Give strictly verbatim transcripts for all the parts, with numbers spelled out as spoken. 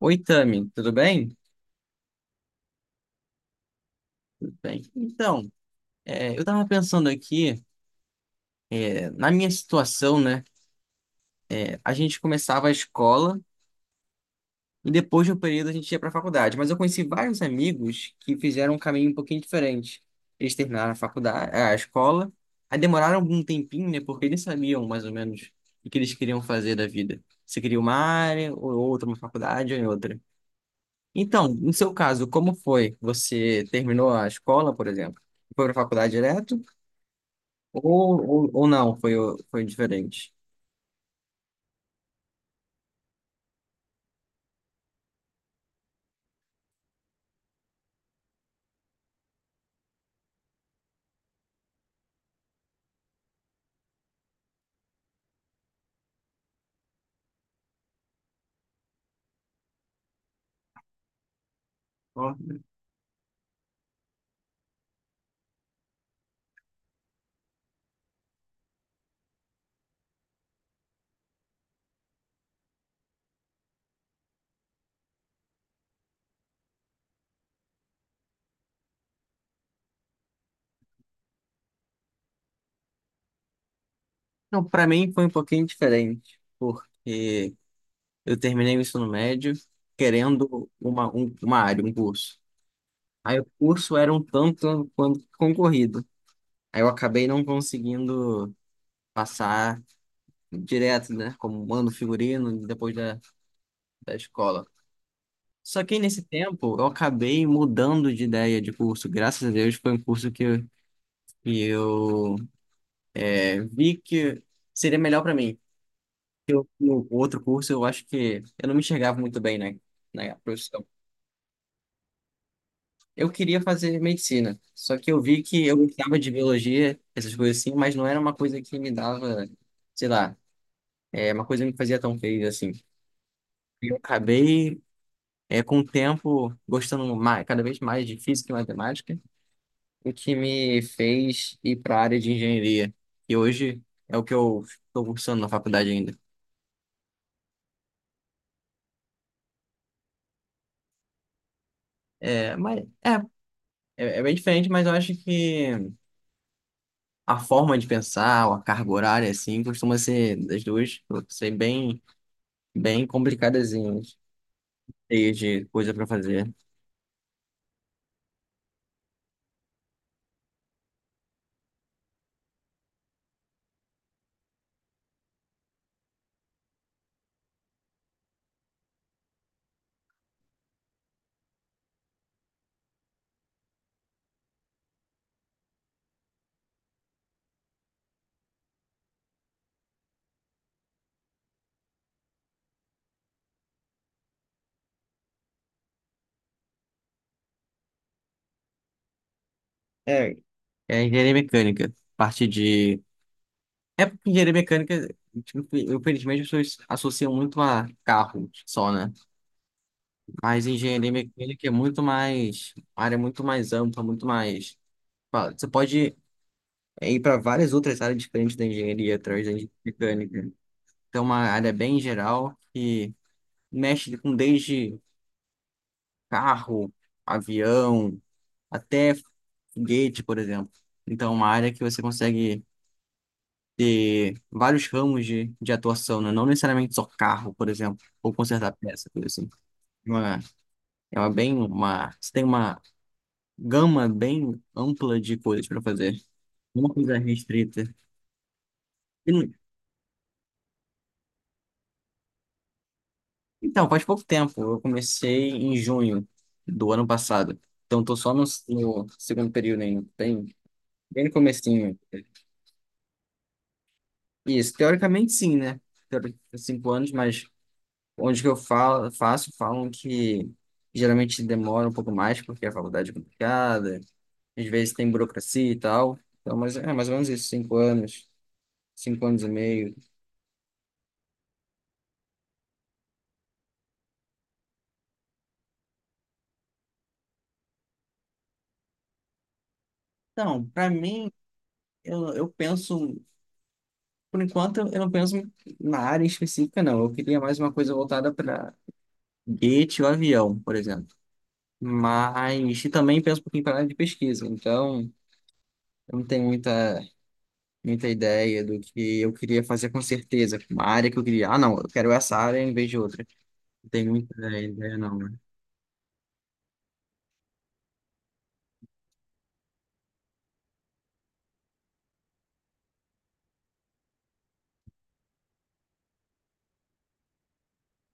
Oi, Tami, tudo bem? Tudo bem. Então, é, eu tava pensando aqui, é, na minha situação, né? é, A gente começava a escola e depois de um período a gente ia pra faculdade, mas eu conheci vários amigos que fizeram um caminho um pouquinho diferente. Eles terminaram a faculdade, a escola, aí demoraram algum tempinho, né? Porque eles sabiam mais ou menos o que eles queriam fazer da vida. Se queria uma área ou outra, uma faculdade ou em outra. Então, no seu caso, como foi? Você terminou a escola, por exemplo? Foi pra faculdade direto? Ou, ou, ou não, foi, o- foi diferente. Ó. Não, pra mim foi um pouquinho diferente, porque eu terminei o ensino médio querendo uma, um- uma área, um curso. Aí o curso era um tanto quanto concorrido. Aí eu acabei não conseguindo passar direto, né, como mando figurino depois da, da escola. Só que nesse tempo eu acabei mudando de ideia de curso. Graças a Deus foi um curso que, eu- que eu eh, vi que seria melhor pra mim. No outro curso, eu acho que eu não me enxergava muito bem, né, na profissão. Eu queria fazer medicina, só que eu vi que eu gostava de biologia, essas coisas assim, mas não era uma coisa que me dava, sei lá, é uma coisa que me fazia tão feliz assim. E eu acabei, é, com o tempo, gostando mais, cada vez mais de física e matemática, o que me fez ir para a área de engenharia, e hoje é o que eu estou cursando na faculdade ainda. É, mas é, é é bem diferente, mas eu acho que a forma de pensar, ou a carga horária, assim, costuma ser das duas, ser bem, bem complicadazinhas, cheias de coisa para fazer. É, é engenharia mecânica, parte de... É porque engenharia mecânica, tipo, infelizmente, as pessoas associam muito a carro só, né? Mas engenharia mecânica é muito mais, uma área muito mais ampla, muito mais... fala, você pode ir para várias outras áreas diferentes da engenharia, através da engenharia mecânica. Então, é uma área bem geral que mexe com desde carro, avião, até foguete, por exemplo. Então, é uma área que você consegue ter vários ramos de, de atuação, né? Não necessariamente só carro, por exemplo, ou consertar peça, coisa assim. É uma, é uma bem uma, você tem uma gama bem ampla de coisas para fazer. Uma coisa restrita. E não- Então, faz pouco tempo, eu comecei em junho do ano passado. Então, tô só no, no segundo período ainda, bem, bem no comecinho. Isso, teoricamente sim, né? Teori- Cinco anos, mas onde que eu falo, faço, falam que geralmente demora um pouco mais, porque a faculdade é complicada, às vezes tem burocracia e tal. Então, mas é mais ou menos isso, cinco anos, cinco anos e meio. Então, para mim, eu, eu penso, por enquanto, eu eu não penso na área específica, não. Eu queria mais uma coisa voltada para gate ou avião, por exemplo. Mas e também penso um pouquinho para área de pesquisa, então eu não tenho muita, muita ideia do que eu queria fazer com certeza, uma área que eu queria. Ah, não, eu quero essa área em vez de outra. Não tem muita ideia, não, né?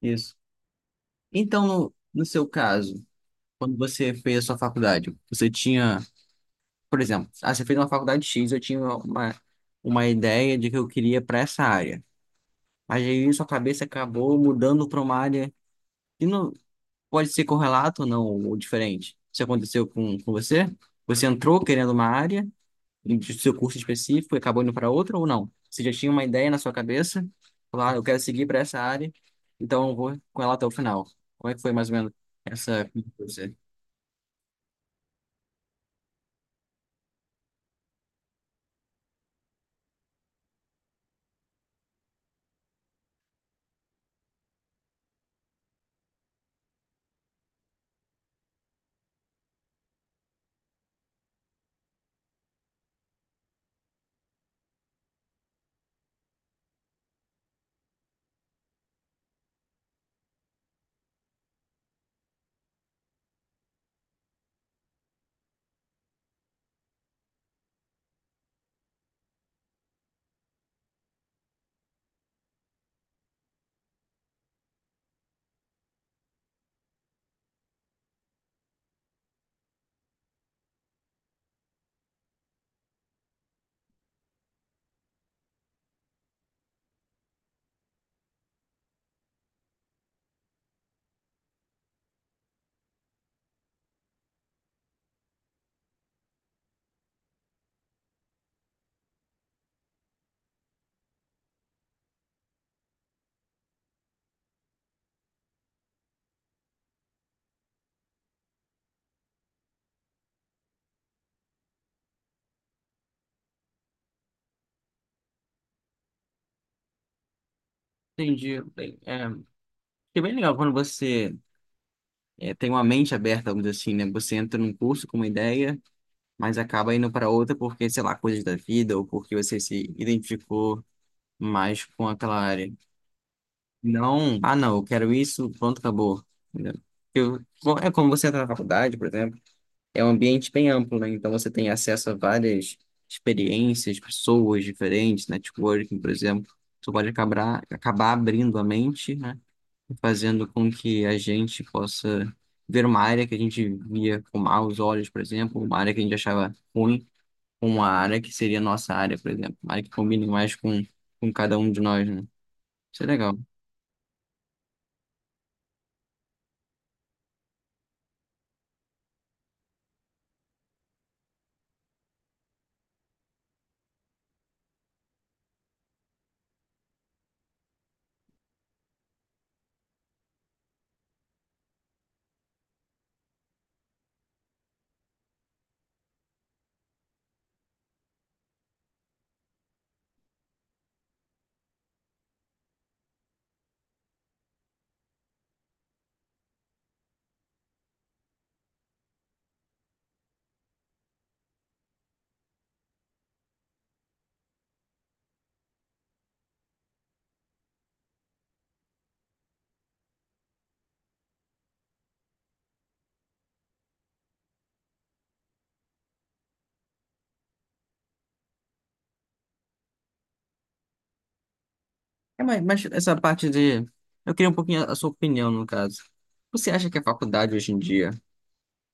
Isso. Então, no, no seu caso, quando você fez a sua faculdade, você tinha, por exemplo, ah, você fez uma faculdade X, eu tinha uma, uma ideia de que eu queria para essa área. Mas aí sua cabeça acabou mudando para uma área que não pode ser correlato ou não, ou diferente. Isso aconteceu com, com você? Você entrou querendo uma área do seu curso específico e acabou indo para outra ou não? Você já tinha uma ideia na sua cabeça? Falar, "Ah, eu quero seguir para essa área, então eu vou com ela até o final. Como é que foi mais ou menos essa coisa? Entendi. Bem, é, é bem legal quando você é, tem uma mente aberta, vamos dizer assim, né? Você entra num curso com uma ideia, mas acaba indo para outra porque, sei lá, coisas da vida ou porque você se identificou mais com aquela área. Não, ah, não, eu quero isso, pronto, acabou. Entendeu? Eu, bom, é como você entra na faculdade, por exemplo. É um ambiente bem amplo, né? Então você tem acesso a várias experiências, pessoas diferentes, networking, por exemplo. Você pode acabar, acabar abrindo a mente, né? E fazendo com que a gente possa ver uma área que a gente via com maus olhos, por exemplo, uma área que a gente achava ruim, com uma área que seria nossa área, por exemplo. Uma área que combine mais com, com cada um de nós, né? Isso é legal. É, mas, mas essa parte de... Eu queria um pouquinho a a sua opinião, no caso. Você acha que a faculdade hoje em dia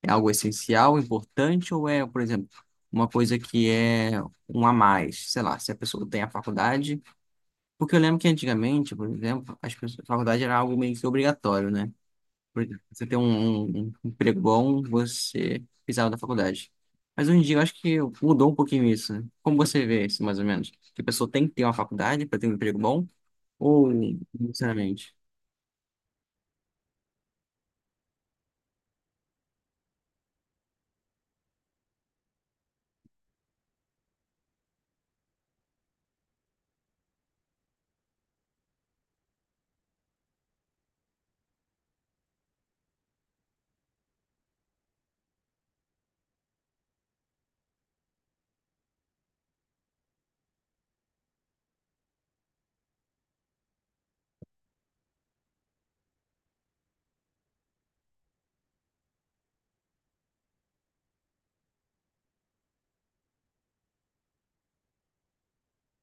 é algo essencial, importante, ou é, por exemplo, uma coisa que é um a mais? Sei lá, se a pessoa tem a faculdade. Porque eu lembro que antigamente, por exemplo, as pessoas, a faculdade era algo meio que obrigatório, né? Por exemplo, você ter um, um um emprego bom, você precisava da faculdade. Mas hoje em dia eu acho que mudou um pouquinho isso, né? Como você vê isso, mais ou menos? Que a pessoa tem que ter uma faculdade para ter um emprego bom? Ou, sinceramente?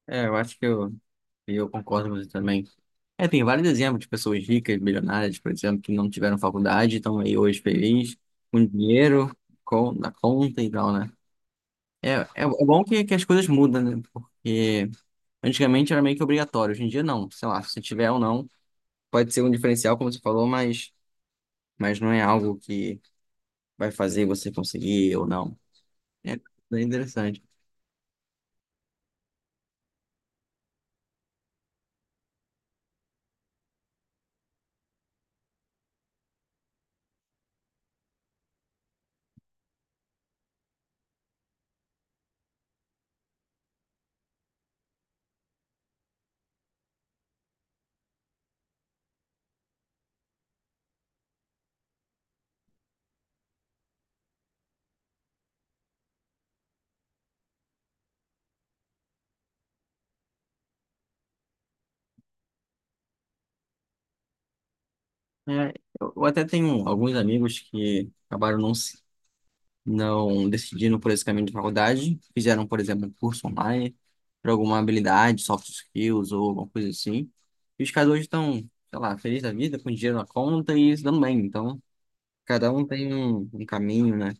É, eu acho que eu, eu concordo com você também. É, tem vários exemplos de pessoas ricas, milionárias, por exemplo, que não tiveram faculdade, estão aí hoje felizes, com dinheiro, com, na conta e tal, né? É, é, é bom que, que as coisas mudam, né? Porque antigamente era meio que obrigatório, hoje em dia não. Sei lá, se tiver ou não, pode ser um diferencial, como você falou, mas, mas não é algo que vai fazer você conseguir ou não. É, é interessante. É, eu eu até tenho alguns amigos que acabaram não se não decidiram por esse caminho de faculdade, fizeram, por exemplo, um curso online para alguma habilidade, soft skills ou alguma coisa assim. E os caras hoje estão, sei lá, felizes da vida, com dinheiro na conta e se dando bem. Então, cada um tem um, um caminho, né?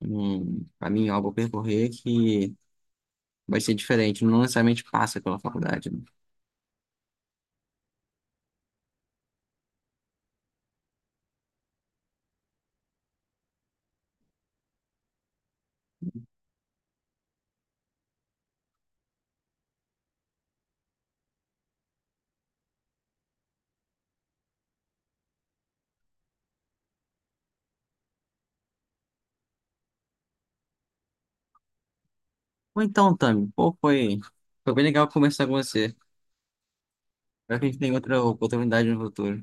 Um caminho, algo a percorrer que vai ser diferente, não necessariamente passa pela faculdade. Né? Ou então, Tami, pô, foi, foi bem legal conversar com você. Espero que a gente tenha outra oportunidade no futuro.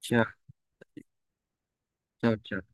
Tchau, tchau, tchau.